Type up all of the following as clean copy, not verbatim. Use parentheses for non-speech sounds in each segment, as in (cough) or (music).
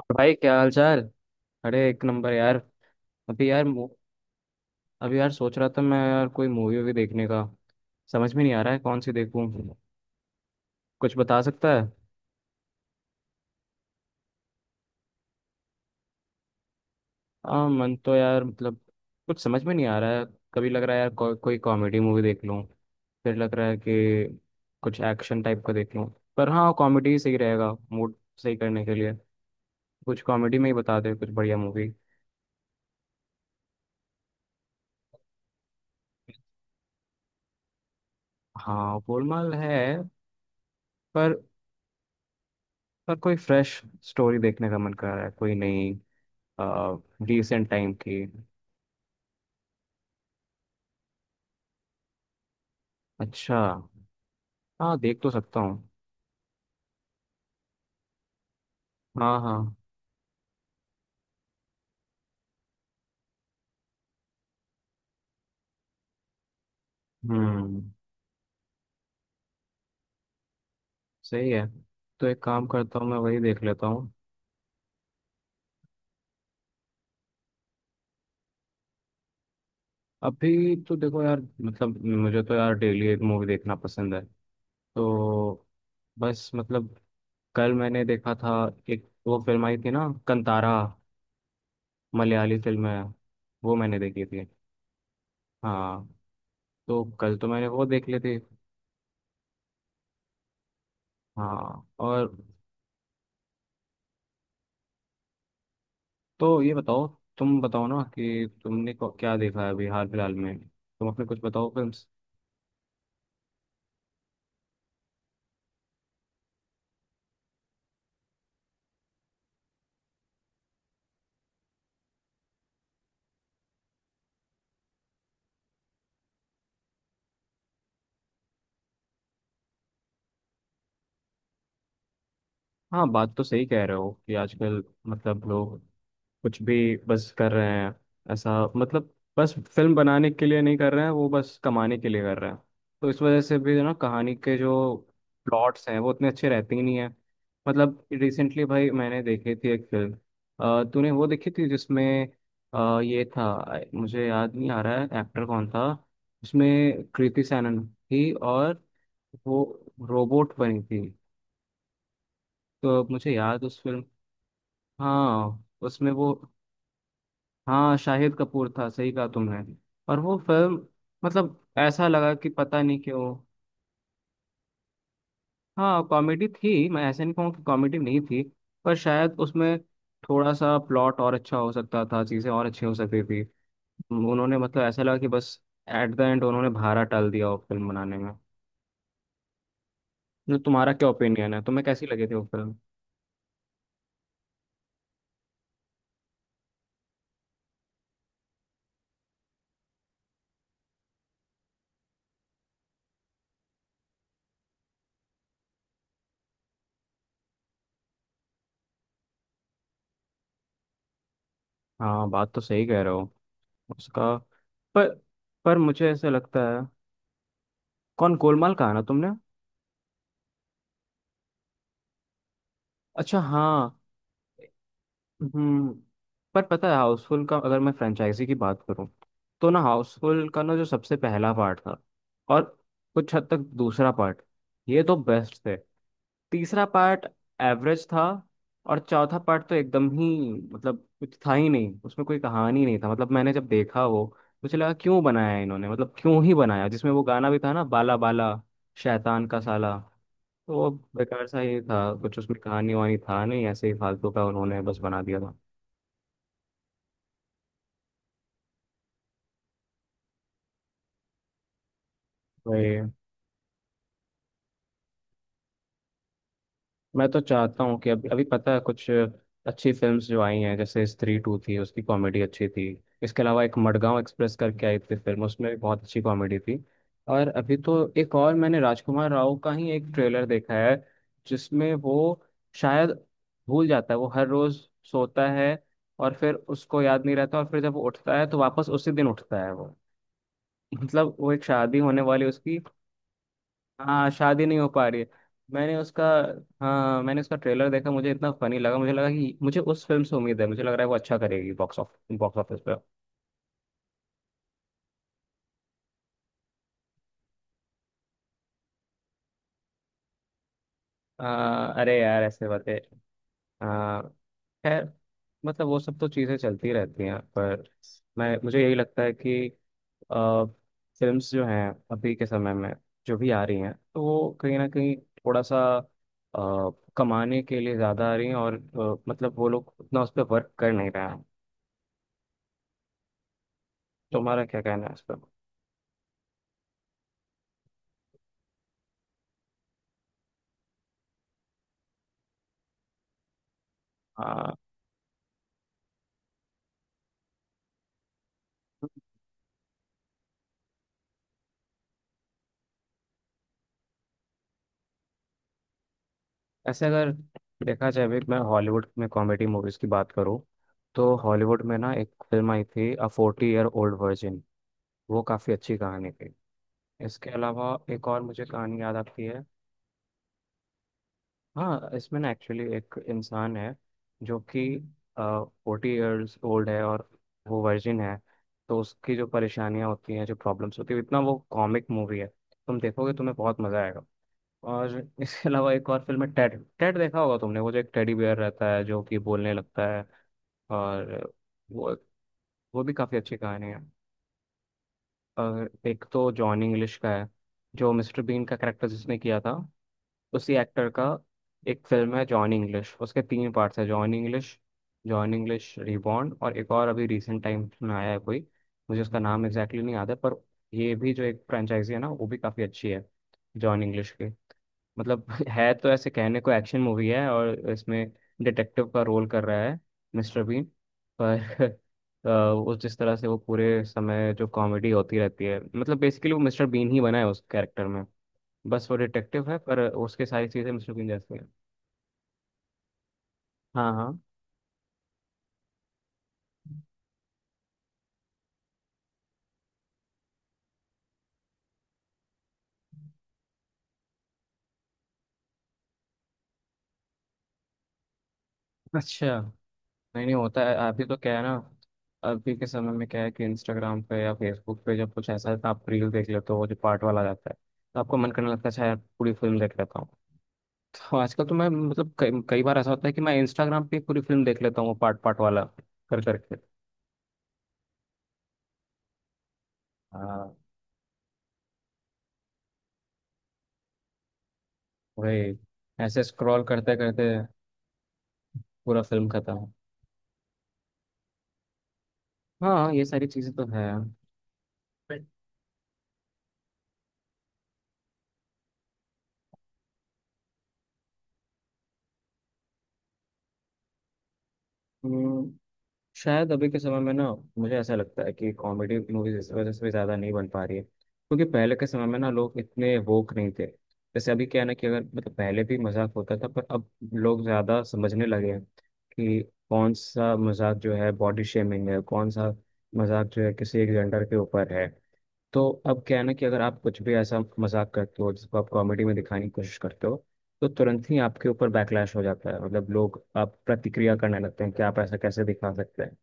और भाई क्या हाल चाल। अरे एक नंबर यार। अभी यार मु- अभी यार सोच रहा था मैं यार कोई मूवी वूवी देखने का। समझ में नहीं आ रहा है कौन सी देखूं। कुछ बता सकता है? हाँ मन तो यार मतलब कुछ समझ में नहीं आ रहा है। कभी लग रहा है यार को, कोई कॉमेडी मूवी देख लूं। फिर लग रहा है कि कुछ एक्शन टाइप का देख लूं। पर हाँ कॉमेडी सही रहेगा मूड सही करने के लिए। कुछ कॉमेडी में ही बता दे कुछ बढ़िया मूवी। हाँ गोलमाल है। पर पर कोई फ्रेश स्टोरी देखने का मन कर रहा है कोई नई रिसेंट टाइम की। अच्छा। हाँ देख तो सकता हूँ। हाँ हाँ। हम्म। सही है। तो एक काम करता हूँ मैं वही देख लेता हूँ। अभी तो देखो यार मतलब मुझे तो यार डेली एक मूवी देखना पसंद है। तो बस मतलब कल मैंने देखा था। एक वो फिल्म आई थी ना कंतारा। मलयाली फिल्म है। वो मैंने देखी थी। हाँ। तो कल तो मैंने वो देख ली थी। हाँ। और तो ये बताओ तुम बताओ ना कि तुमने क्या देखा है अभी हाल फिलहाल में तुम अपने कुछ बताओ फिल्म। हाँ बात तो सही कह रहे हो कि आजकल मतलब लोग कुछ भी बस कर रहे हैं। ऐसा मतलब बस फिल्म बनाने के लिए नहीं कर रहे हैं वो बस कमाने के लिए कर रहे हैं। तो इस वजह से भी ना कहानी के जो प्लॉट्स हैं वो उतने अच्छे रहते ही नहीं हैं। मतलब रिसेंटली भाई मैंने देखी थी एक फिल्म। तूने वो देखी थी जिसमें ये था मुझे याद नहीं आ रहा है एक्टर कौन था। उसमें कृति सैनन थी और वो रोबोट बनी थी। तो मुझे याद उस फिल्म। हाँ उसमें वो। हाँ शाहिद कपूर था सही कहा तुमने। और वो फिल्म मतलब ऐसा लगा कि पता नहीं क्यों। हाँ कॉमेडी थी मैं ऐसे नहीं कहूँ कि कॉमेडी नहीं थी। पर शायद उसमें थोड़ा सा प्लॉट और अच्छा हो सकता था चीज़ें और अच्छी हो सकती थी। उन्होंने मतलब ऐसा लगा कि बस एट द एंड उन्होंने भारा टाल दिया वो फिल्म बनाने में। न, तुम्हारा क्या ओपिनियन है तुम्हें कैसी लगी थी वो फिल्म? हाँ बात तो सही कह रहे हो। उसका पर पर मुझे ऐसा लगता है। कौन गोलमाल कहा ना तुमने? अच्छा। हाँ। हम्म। पर पता है हाउसफुल का अगर मैं फ्रेंचाइजी की बात करूं तो ना हाउसफुल का ना जो सबसे पहला पार्ट था। और कुछ हद तक दूसरा पार्ट ये तो बेस्ट थे। तीसरा पार्ट एवरेज था। और चौथा पार्ट तो एकदम ही मतलब कुछ था ही नहीं उसमें कोई कहानी नहीं था मतलब मैंने जब देखा वो मुझे लगा क्यों बनाया है इन्होंने मतलब क्यों ही बनाया जिसमें वो गाना भी था ना बाला बाला शैतान का साला। तो वो बेकार सा ही था कुछ उसमें कहानी वहानी था नहीं ऐसे ही फालतू का उन्होंने बस बना दिया था। वही। मैं तो चाहता हूँ कि अभी अभी पता है कुछ अच्छी फिल्म्स जो आई हैं जैसे स्त्री टू थी उसकी कॉमेडी अच्छी थी। इसके अलावा एक मडगांव एक्सप्रेस करके आई थी फिल्म उसमें भी बहुत अच्छी कॉमेडी थी। और अभी तो एक और मैंने राजकुमार राव का ही एक ट्रेलर देखा है। जिसमें वो शायद भूल जाता है वो हर रोज सोता है और फिर उसको याद नहीं रहता और फिर जब वो उठता है तो वापस उसी दिन उठता है वो। मतलब वो एक शादी होने वाली उसकी। हाँ शादी नहीं हो पा रही है। मैंने उसका हाँ मैंने उसका ट्रेलर देखा मुझे इतना फनी लगा मुझे लगा कि मुझे उस फिल्म से उम्मीद है मुझे लग रहा है वो अच्छा करेगी बॉक्स ऑफिस पे अरे यार ऐसे बातें। आ, खैर मतलब वो सब तो चीज़ें चलती रहती हैं पर मैं मुझे यही लगता है कि आ, फिल्म्स जो हैं अभी के समय में जो भी आ रही हैं तो वो कहीं ना कहीं थोड़ा सा आ, कमाने के लिए ज़्यादा आ रही हैं और मतलब वो लोग उतना उस पर वर्क कर नहीं रहे हैं। तुम्हारा क्या कहना है इस पर? हाँ ऐसे अगर देखा जाए अभी मैं हॉलीवुड में कॉमेडी मूवीज की बात करूँ तो हॉलीवुड में ना एक फिल्म आई थी a forty year old virgin. वो काफ़ी अच्छी कहानी थी। इसके अलावा एक और मुझे कहानी याद आती है। हाँ इसमें ना एक्चुअली एक इंसान है जो कि फोर्टी ईयर्स ओल्ड है और वो वर्जिन है। तो उसकी जो परेशानियाँ होती हैं जो प्रॉब्लम्स होती है इतना वो कॉमिक मूवी है तुम देखोगे तुम्हें बहुत मज़ा आएगा। और इसके अलावा एक और फिल्म है टेड। टेड देखा होगा तुमने वो जो एक टेडी बेयर रहता है जो कि बोलने लगता है। और वो वो भी काफ़ी अच्छी कहानी है। और एक तो जॉन इंग्लिश का है। जो मिस्टर बीन का कैरेक्टर जिसने किया था उसी एक्टर का एक फिल्म है जॉन इंग्लिश। उसके तीन पार्ट्स है John English, John English reborn और एक और अभी रिसेंट टाइम में आया है कोई मुझे उसका नाम एग्जैक्टली नहीं याद है पर ये भी जो एक फ्रेंचाइजी है ना वो भी काफ़ी अच्छी है जॉन इंग्लिश की। मतलब (laughs) है तो ऐसे कहने को एक्शन मूवी है और इसमें डिटेक्टिव का रोल कर रहा है मिस्टर बीन। पर (laughs) वो जिस तरह से वो पूरे समय जो कॉमेडी होती रहती है मतलब बेसिकली वो मिस्टर बीन ही बना है उस कैरेक्टर में। बस वो डिटेक्टिव है पर उसके सारी चीज़ें मिस्टर बीन जैसी हैं। हाँ हाँ। अच्छा नहीं नहीं होता है अभी तो क्या है ना। अभी के समय में क्या है कि इंस्टाग्राम पे या फेसबुक पे जब कुछ ऐसा है तो आप रील देख लेते हो वो जो पार्ट वाला जाता है। तो आपको मन करने लगता है अच्छा यार पूरी फिल्म देख लेता हूँ। तो आजकल तो मैं मतलब कई कई बार ऐसा होता है कि मैं इंस्टाग्राम पे पूरी फिल्म देख लेता हूँ पार्ट पार्ट वाला कर करके। हाँ। वही। ऐसे स्क्रॉल करते करते पूरा फिल्म खत्म। हाँ ये सारी चीजें तो है। हम्म, शायद अभी के समय में ना मुझे ऐसा लगता है कि कॉमेडी मूवीज इस वजह से भी ज़्यादा नहीं बन पा रही है क्योंकि पहले के समय में ना लोग इतने वोक नहीं थे। जैसे अभी क्या है ना कि अगर मतलब पहले भी मजाक होता था पर अब लोग ज़्यादा समझने लगे हैं कि कौन सा मजाक जो है बॉडी शेमिंग है कौन सा मजाक जो है किसी एक जेंडर के ऊपर है। तो अब क्या है ना कि अगर आप कुछ भी ऐसा मजाक करते हो जिसको आप कॉमेडी में दिखाने की कोशिश करते हो तो तुरंत ही आपके ऊपर बैकलैश हो जाता है मतलब लोग आप प्रतिक्रिया करने लगते हैं कि आप ऐसा कैसे दिखा सकते हैं।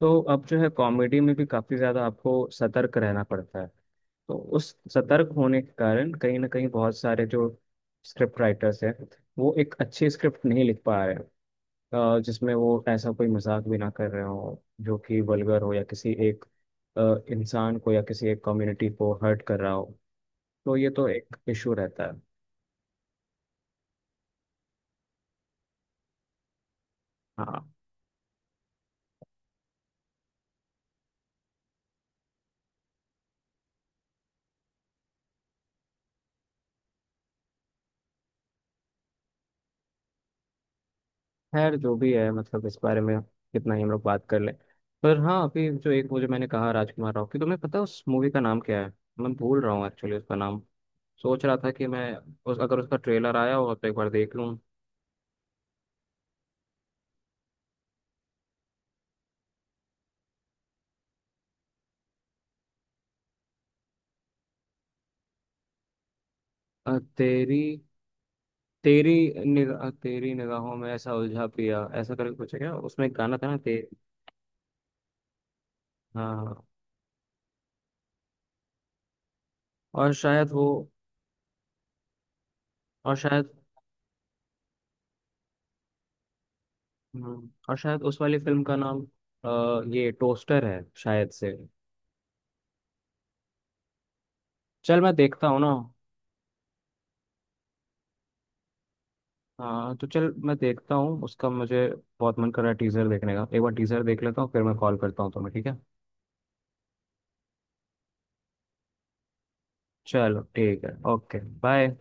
तो अब जो है कॉमेडी में भी काफी ज्यादा आपको सतर्क रहना पड़ता है। तो उस सतर्क होने के कारण कहीं ना कहीं बहुत सारे जो स्क्रिप्ट राइटर्स हैं वो एक अच्छी स्क्रिप्ट नहीं लिख पा रहे हैं जिसमें वो ऐसा कोई मजाक भी ना कर रहे हो जो कि वल्गर हो या किसी एक अ, इंसान को या किसी एक कम्युनिटी को हर्ट कर रहा हो। तो ये तो एक इशू रहता है। हाँ। खैर जो भी है मतलब इस बारे में कितना ही हम लोग बात कर लें। पर हाँ अभी जो एक वो जो मैंने कहा राजकुमार राव की तुम्हें पता है उस मूवी का नाम क्या है? मैं भूल रहा हूँ एक्चुअली उसका नाम। सोच रहा था कि मैं उस अगर उसका ट्रेलर आया हो तो एक बार देख लूँ। तेरी तेरी निगाह तेरी निगाहों में ऐसा उलझा पिया ऐसा करके कुछ है क्या उसमें एक गाना था ना ते हाँ हाँ। और शायद वो। और शायद और शायद उस वाली फिल्म का नाम ये टोस्टर है शायद से। चल मैं देखता हूँ ना। हाँ तो चल मैं देखता हूँ उसका मुझे बहुत मन कर रहा है टीजर देखने का एक बार टीजर देख लेता हूँ फिर मैं कॉल करता हूँ तुम्हें ठीक है? चलो ठीक है ओके। बाय।